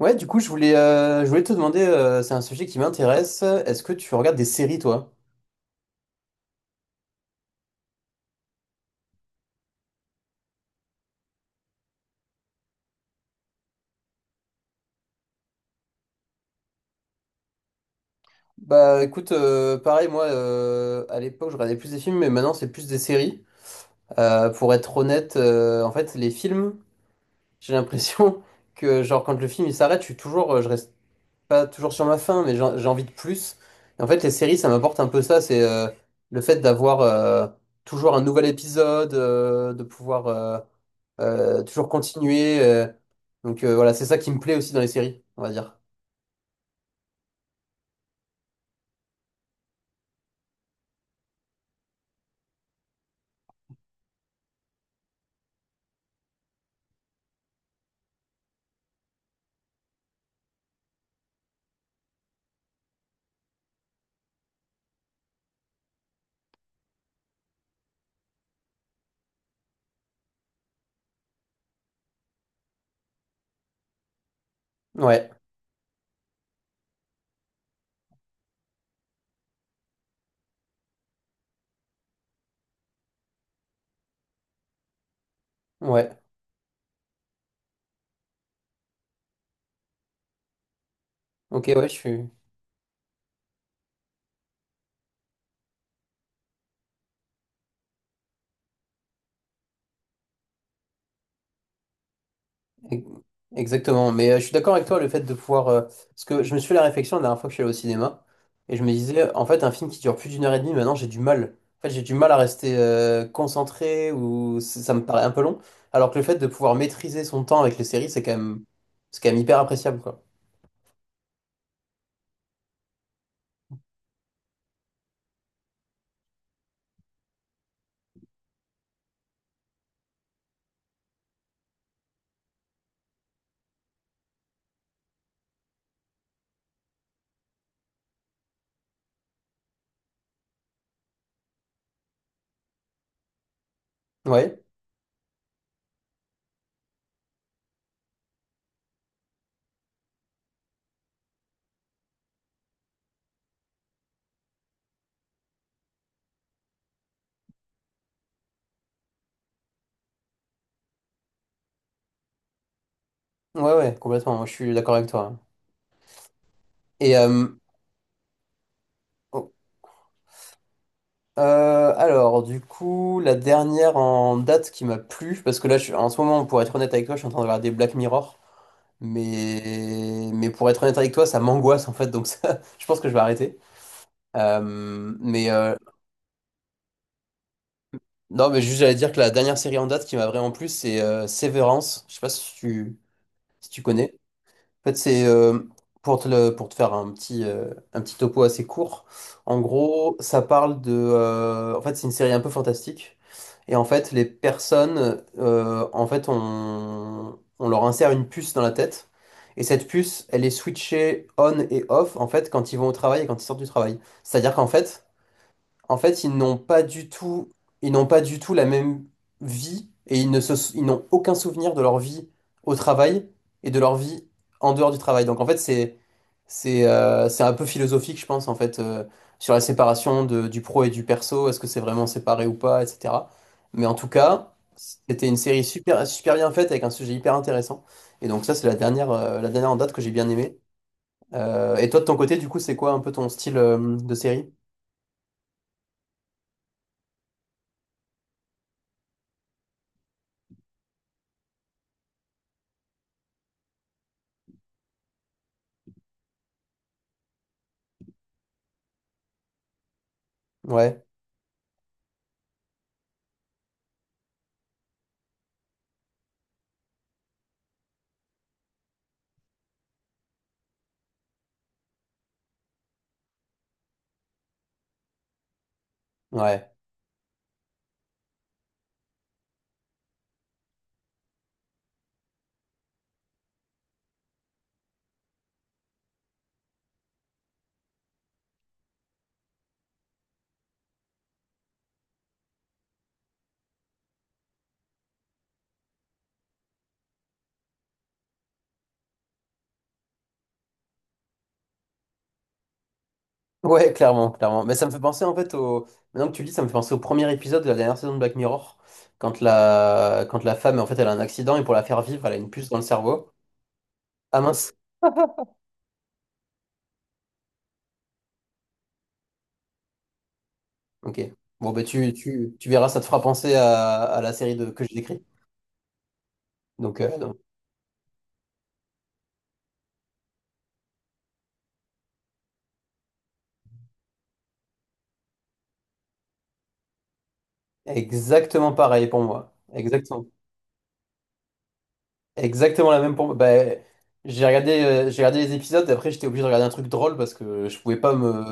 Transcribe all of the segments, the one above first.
Ouais, du coup, je voulais te demander, c'est un sujet qui m'intéresse. Est-ce que tu regardes des séries, toi? Bah, écoute, pareil, moi, à l'époque, je regardais plus des films, mais maintenant, c'est plus des séries. Pour être honnête, en fait, les films, j'ai l'impression que, genre, quand le film il s'arrête, je reste pas toujours sur ma faim, mais j'ai envie de plus. Et en fait, les séries, ça m'apporte un peu ça, c'est le fait d'avoir toujours un nouvel épisode, de pouvoir toujours continuer. Donc, voilà, c'est ça qui me plaît aussi dans les séries, on va dire. Ouais, ouais. Ok, ouais, je suis. E- Exactement, mais je suis d'accord avec toi, le fait de pouvoir, parce que je me suis fait la réflexion la dernière fois que je suis allé au cinéma, et je me disais, en fait, un film qui dure plus d'une heure et demie, maintenant j'ai du mal. En fait, j'ai du mal à rester concentré, ou ça me paraît un peu long, alors que le fait de pouvoir maîtriser son temps avec les séries, c'est quand même hyper appréciable, quoi. Ouais, ouais, ouais, complètement, moi, je suis d'accord avec toi, hein. Et euh, oh, alors, du coup, la dernière en date qui m'a plu, parce que en ce moment, pour être honnête avec toi, je suis en train de regarder Black Mirror. Mais pour être honnête avec toi, ça m'angoisse en fait, donc ça, je pense que je vais arrêter. Euh, mais euh, non, mais juste j'allais dire que la dernière série en date qui m'a vraiment plu, c'est Severance. Je sais pas si tu, si tu connais. En fait, c'est pour te, pour te faire un un petit topo assez court. En gros, ça parle de. En fait, c'est une série un peu fantastique. Et en fait, les personnes, en fait, on leur insère une puce dans la tête. Et cette puce, elle est switchée on et off, en fait, quand ils vont au travail et quand ils sortent du travail. C'est-à-dire qu'en fait, ils n'ont pas du tout, ils n'ont pas du tout la même vie et ils ne se, ils n'ont aucun souvenir de leur vie au travail et de leur vie en dehors du travail. Donc en fait, c'est un peu philosophique, je pense, en fait, sur la séparation du pro et du perso. Est-ce que c'est vraiment séparé ou pas, etc. Mais en tout cas, c'était une série super, super bien faite avec un sujet hyper intéressant. Et donc ça, c'est la dernière en date que j'ai bien aimée. Et toi, de ton côté, du coup, c'est quoi un peu ton style, de série? Ouais, ouais, ouais, clairement, clairement. Mais ça me fait penser en fait au. Maintenant que tu le dis, ça me fait penser au premier épisode de la dernière saison de Black Mirror, quand la femme en fait elle a un accident et pour la faire vivre, elle a une puce dans le cerveau. Ah mince, ok. Bon bah tu verras, ça te fera penser à la série de que j'ai décrit. Donc, euh, donc, exactement pareil pour moi, exactement. Exactement la même pour Bah, j'ai regardé les épisodes, après j'étais obligé de regarder un truc drôle parce que je pouvais pas me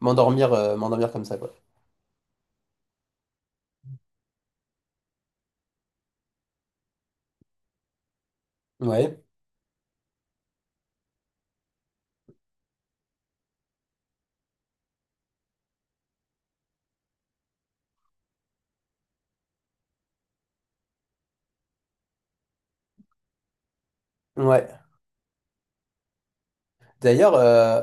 m'endormir m'endormir comme ça, quoi. Ouais. Ouais. D'ailleurs,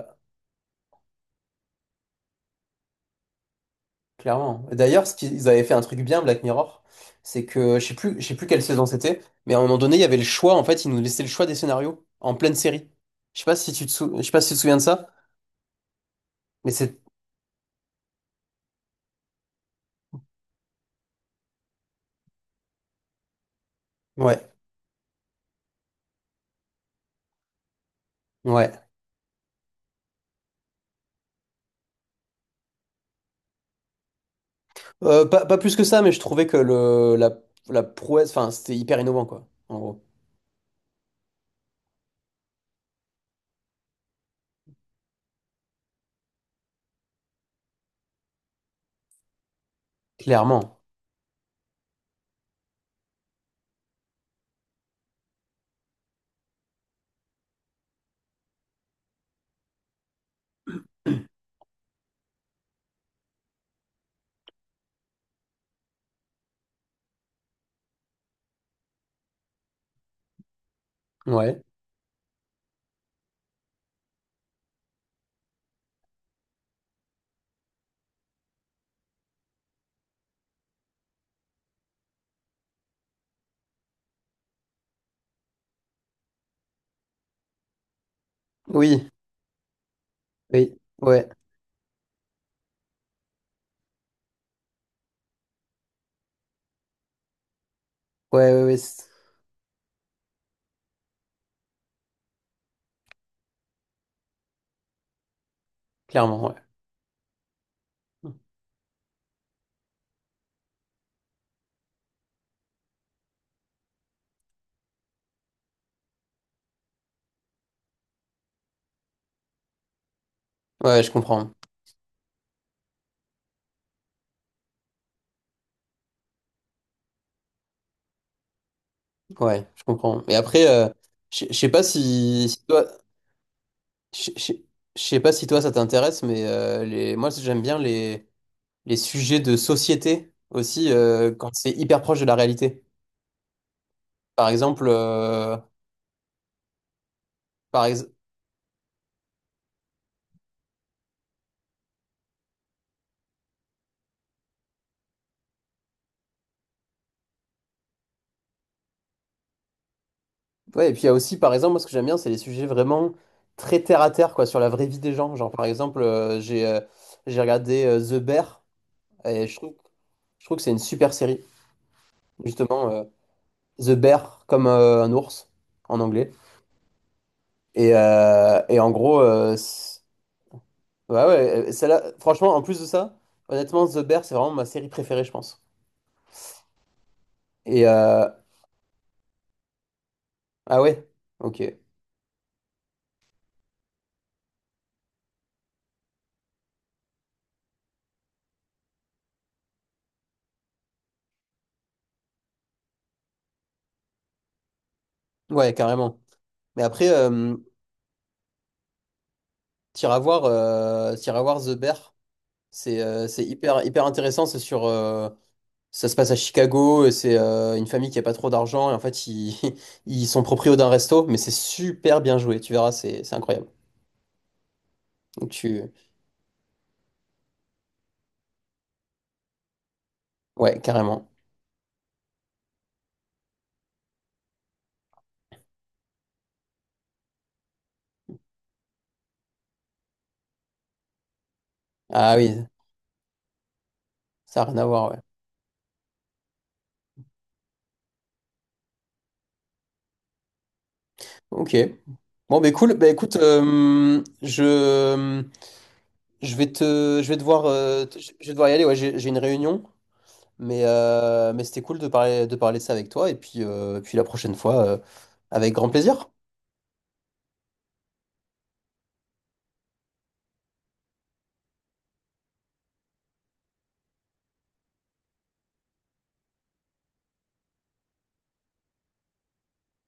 clairement. D'ailleurs, ce qu'ils avaient fait un truc bien, Black Mirror, c'est que je sais plus quelle saison c'était, mais à un moment donné, il y avait le choix, en fait, ils nous laissaient le choix des scénarios en pleine série. Je sais pas si tu te souviens de ça, mais c'est. Ouais. Ouais. Pas, pas plus que ça, mais je trouvais que la prouesse, enfin, c'était hyper innovant, quoi, en gros. Clairement. Ouais. Oui, oui, ouais, ouais, ouais, ouais, c'est- clairement, ouais. Ouais, je comprends. Ouais, je comprends. Et après, je sais pas si, si toi, je je- je sais pas si toi ça t'intéresse, mais moi j'aime bien les sujets de société aussi quand c'est hyper proche de la réalité. Par exemple, par ex- ouais, et puis il y a aussi, par exemple, moi ce que j'aime bien, c'est les sujets vraiment très terre à terre, quoi, sur la vraie vie des gens. Genre, par exemple, j'ai regardé The Bear. Et je trouve, je trouve que c'est une super série, justement, The Bear comme un ours en anglais. Et en gros, ouais, celle-là, franchement, en plus de ça, honnêtement, The Bear, c'est vraiment ma série préférée, je pense. Et ah ouais, ok, ouais, carrément. Mais après, t'iras voir The Bear, c'est hyper, hyper intéressant, c'est sur, ça se passe à Chicago, et c'est une famille qui a pas trop d'argent, et en fait, ils, ils sont proprios d'un resto, mais c'est super bien joué, tu verras, c'est incroyable. Donc tu... Ouais, carrément. Ah oui, ça n'a rien à voir, ouais. Ok. Bon, bah cool, bah écoute, je vais te, je vais devoir y aller, ouais, j'ai une réunion, mais c'était cool de parler de ça avec toi, et puis, puis la prochaine fois, avec grand plaisir.